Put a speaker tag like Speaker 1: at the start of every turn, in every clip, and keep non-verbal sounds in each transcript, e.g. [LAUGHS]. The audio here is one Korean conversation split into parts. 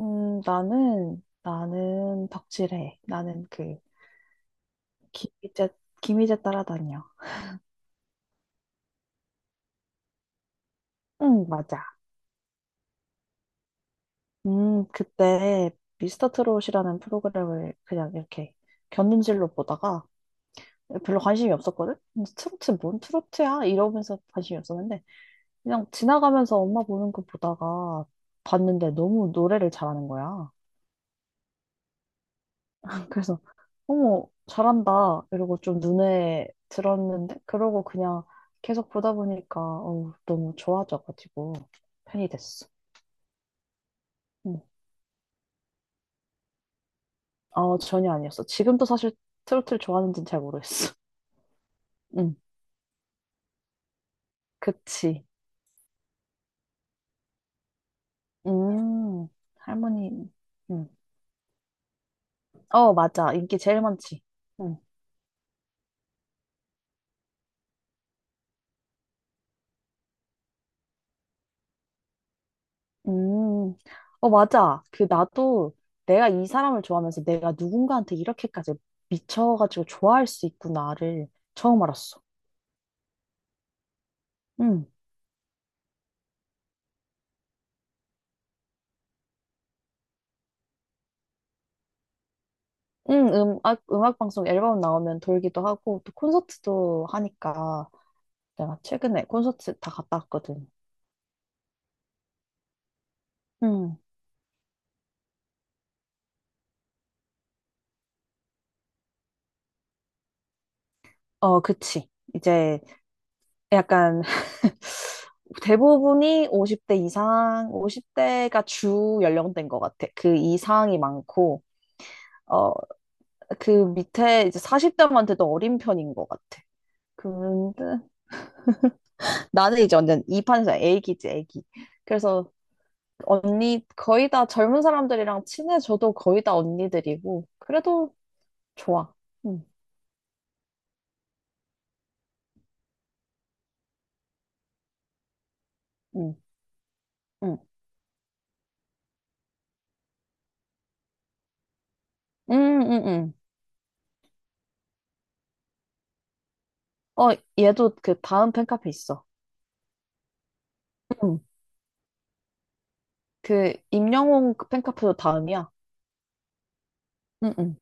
Speaker 1: 나는 덕질해. 나는 그, 김희재, 김희재 따라다녀. 응, 맞아. 그때 미스터 트롯이라는 프로그램을 그냥 이렇게 견눈질로 보다가 별로 관심이 없었거든? 트로트, 뭔 트로트야? 이러면서 관심이 없었는데, 그냥 지나가면서 엄마 보는 거 보다가 봤는데 너무 노래를 잘하는 거야. 그래서 어머 잘한다 이러고 좀 눈에 들었는데 그러고 그냥 계속 보다 보니까 어우, 너무 좋아져가지고 팬이 됐어. 응. 어 전혀 아니었어. 지금도 사실 트로트를 좋아하는지는 잘 모르겠어. [LAUGHS] 응, 그치. 음, 할머니. 응. 어 맞아 인기 제일 많지. 응. 음, 어 맞아. 그 나도 내가 이 사람을 좋아하면서 내가 누군가한테 이렇게까지 미쳐가지고 좋아할 수 있구나를 처음 알았어. 응, 응, 음악 방송 앨범 나오면 돌기도 하고, 또 콘서트도 하니까, 내가 최근에 콘서트 다 갔다 왔거든. 응, 어, 그치. 이제 약간, [LAUGHS] 대부분이 50대 이상, 50대가 주 연령대인 것 같아. 그 이상이 많고, 어, 그 밑에 이제 40대한테도 어린 편인 것 같아. 근데 나는 이제 완전 이 판에서 애기지, 애기. 그래서 언니 거의 다 젊은 사람들이랑 친해져도 거의 다 언니들이고 그래도 좋아. 응, 응, 응, 응, 응, 응. 어, 얘도 그 다음 팬카페 있어. 응. 그 임영웅 그 팬카페도 다음이야. 응, 응.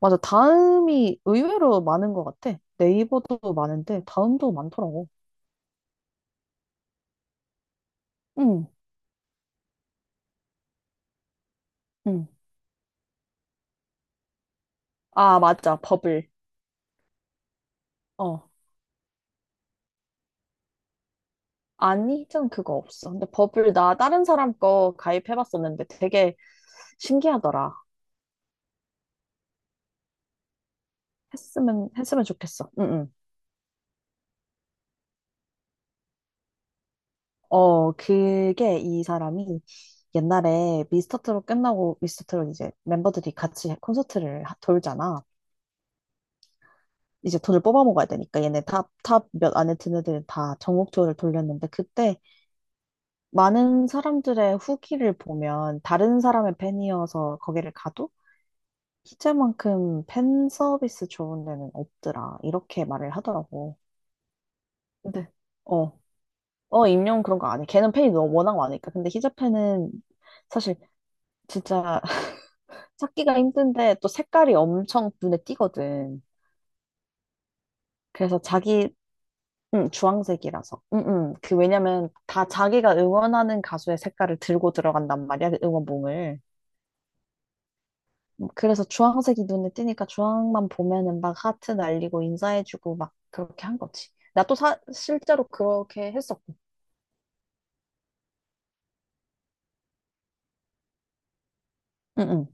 Speaker 1: 맞아. 다음이 의외로 많은 것 같아. 네이버도 많은데 다음도 많더라고. 응, 응. 아, 맞아. 버블. 어. 아니, 전 그거 없어. 근데 버블 나 다른 사람 거 가입해봤었는데 되게 신기하더라. 했으면 좋겠어. 응, 응. 어, 그게 이 사람이 옛날에 미스터 트롯 끝나고 미스터 트롯 이제 멤버들이 같이 콘서트를 하- 돌잖아. 이제 돈을 뽑아 먹어야 되니까 얘네 탑 몇 안에 드는 애들은 다 전국 투어를 돌렸는데 그때 많은 사람들의 후기를 보면 다른 사람의 팬이어서 거기를 가도 희재만큼 팬 서비스 좋은 데는 없더라. 이렇게 말을 하더라고. 근데, 어, 어, 임용 그런 거 안 해. 걔는 팬이 너무 워낙 많으니까. 근데 히잡팬은 사실 진짜 [LAUGHS] 찾기가 힘든데 또 색깔이 엄청 눈에 띄거든. 그래서 자기, 응, 주황색이라서. 응, 응. 그 왜냐면 다 자기가 응원하는 가수의 색깔을 들고 들어간단 말이야, 그 응원봉을. 그래서 주황색이 눈에 띄니까 주황만 보면은 막 하트 날리고 인사해주고 막 그렇게 한 거지. 나 또 사, 실제로 그렇게 했었고. 응, 응.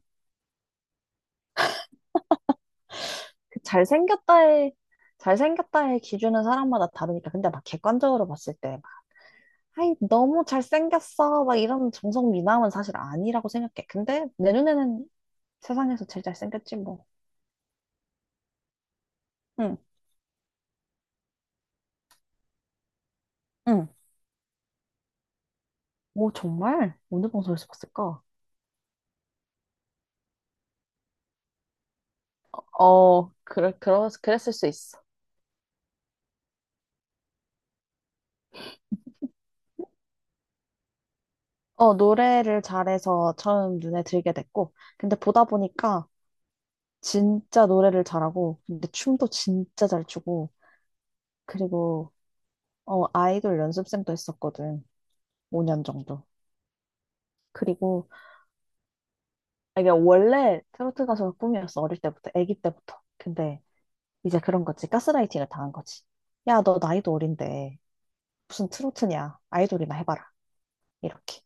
Speaker 1: 그 잘생겼다의, 잘생겼다의 기준은 사람마다 다르니까. 근데 막 객관적으로 봤을 때, 막, 아이, 너무 잘생겼어. 막 이런 정성 미남은 사실 아니라고 생각해. 근데 내 눈에는 세상에서 제일 잘생겼지, 뭐. 응. 응. 뭐 정말? 어느 방송에서 봤을까? 어, 그래, 그러, 그랬을 수 있어. 어, 노래를 잘해서 처음 눈에 들게 됐고, 근데 보다 보니까 진짜 노래를 잘하고, 근데 춤도 진짜 잘 추고, 그리고, 어, 아이돌 연습생도 했었거든. 5년 정도. 그리고 아, 이게 원래 트로트 가수가 꿈이었어. 어릴 때부터, 아기 때부터. 근데 이제 그런 거지. 가스라이팅을 당한 거지. 야, 너 나이도 어린데 무슨 트로트냐. 아이돌이나 해봐라. 이렇게.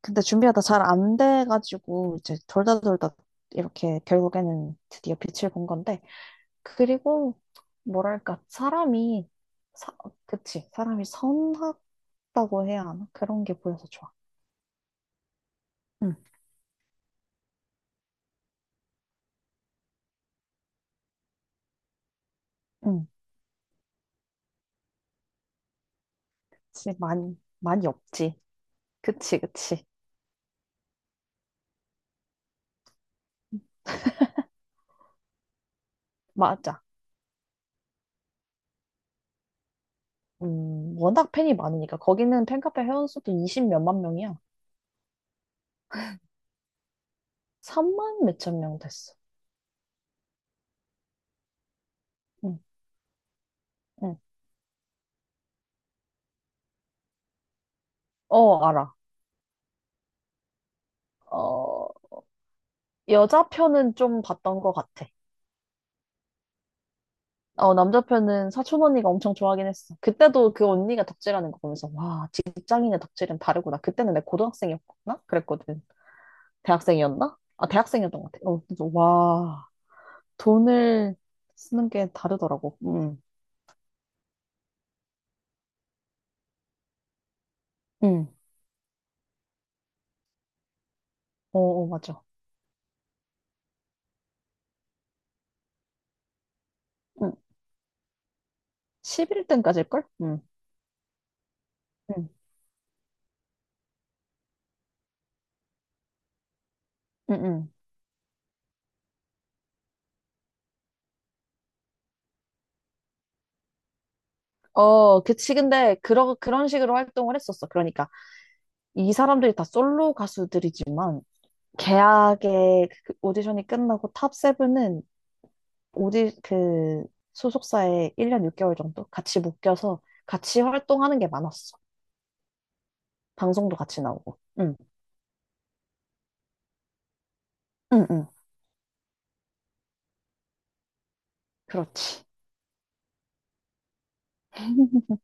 Speaker 1: 근데 준비하다 잘 안 돼가지고 이제 돌다 이렇게 결국에는 드디어 빛을 본 건데. 그리고 뭐랄까 사람이 사, 그치. 사람이 선하다고 해야 하나? 그런 게 보여서 좋아. 응, 응. 진짜 많이 없지. 그치, 그치. 맞아. 워낙 팬이 많으니까. 거기는 팬카페 회원수도 이십 몇만 명이야. 삼만 몇천 명 됐어. 응, 응. 어, 알아. 어, 여자 편은 좀 봤던 것 같아. 어, 남자 편은 사촌 언니가 엄청 좋아하긴 했어. 그때도 그 언니가 덕질하는 거 보면서, 와, 직장인의 덕질은 다르구나. 그때는 내가 고등학생이었나? 그랬거든. 대학생이었나? 아, 대학생이었던 것 같아. 어, 그래서 와, 돈을 쓰는 게 다르더라고. 응, 응. 어, 어, 맞아. 응. 11등까지일걸? 응, 응, 응, 응. 어, 그치. 근데, 그러, 그런 식으로 활동을 했었어. 그러니까, 이 사람들이 다 솔로 가수들이지만, 계약의 그 오디션이 끝나고 탑세븐은 오디, 그, 소속사에 1년 6개월 정도 같이 묶여서 같이 활동하는 게 많았어. 방송도 같이 나오고. 응, 응, 응. 그렇지. [LAUGHS]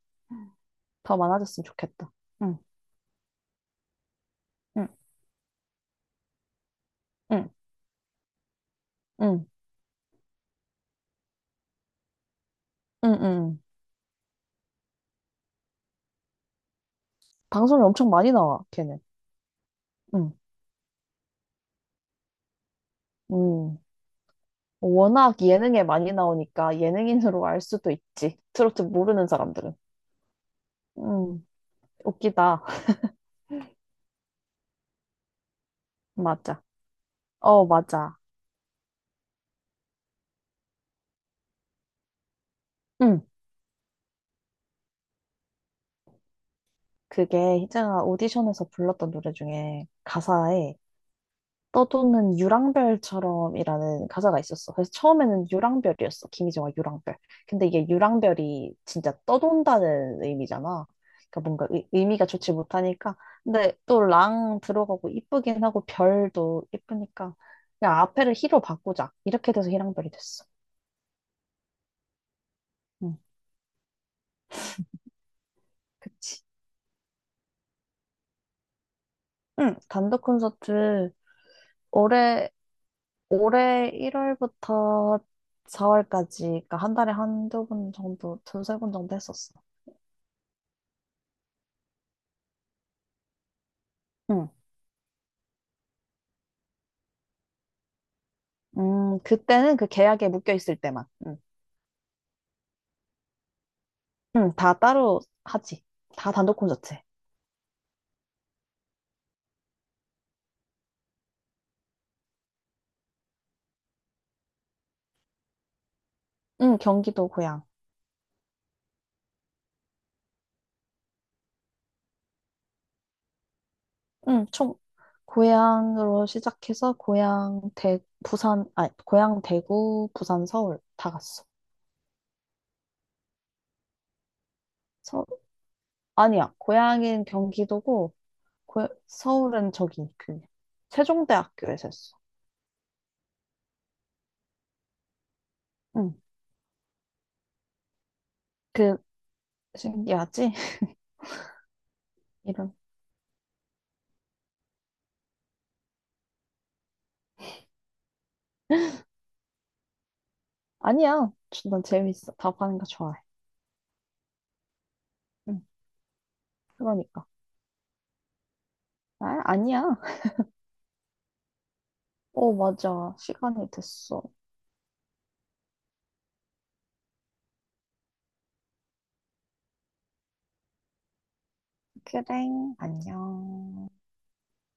Speaker 1: 더 많아졌으면 좋겠다. 응, 응, 응, 응, 응, 응. 방송이 엄청 많이 나와, 걔는. 응, 응. 워낙 예능에 많이 나오니까 예능인으로 알 수도 있지. 트로트 모르는 사람들은. 음, 웃기다. [LAUGHS] 맞아. 어, 맞아. 음, 그게 희정아 오디션에서 불렀던 노래 중에 가사에 떠도는 유랑별처럼이라는 가사가 있었어. 그래서 처음에는 유랑별이었어. 김희정아 유랑별. 근데 이게 유랑별이 진짜 떠돈다는 의미잖아. 그러니까 뭔가 의미가 좋지 못하니까. 근데 또 랑 들어가고 이쁘긴 하고 별도 이쁘니까 그냥 앞에를 희로 바꾸자. 이렇게 돼서 희랑별이 됐어. 응, 그치. 응, 단독 콘서트 올해 올해 1월부터 4월까지 그러니까 한 달에 한두 번 정도, 두세 번 정도 했었어. 응. 그때는 그 계약에 묶여 있을 때만. 다 따로 하지. 다 단독 콘서트. 경기도 고향. 총 고향으로 시작해서 고향 대 부산 아니 고향 대구 부산 서울 다 갔어. 서 아니야. 고향인 경기도고 고, 서울은 저기 그 세종대학교에서 했어. 응. 그 신기하지? [LAUGHS] 이름 아니야. 난 재밌어. 답하는 거 좋아해. 응. 그러니까. 아, 아니야. 어, 맞아. 시간이 됐어. 그래, 안녕.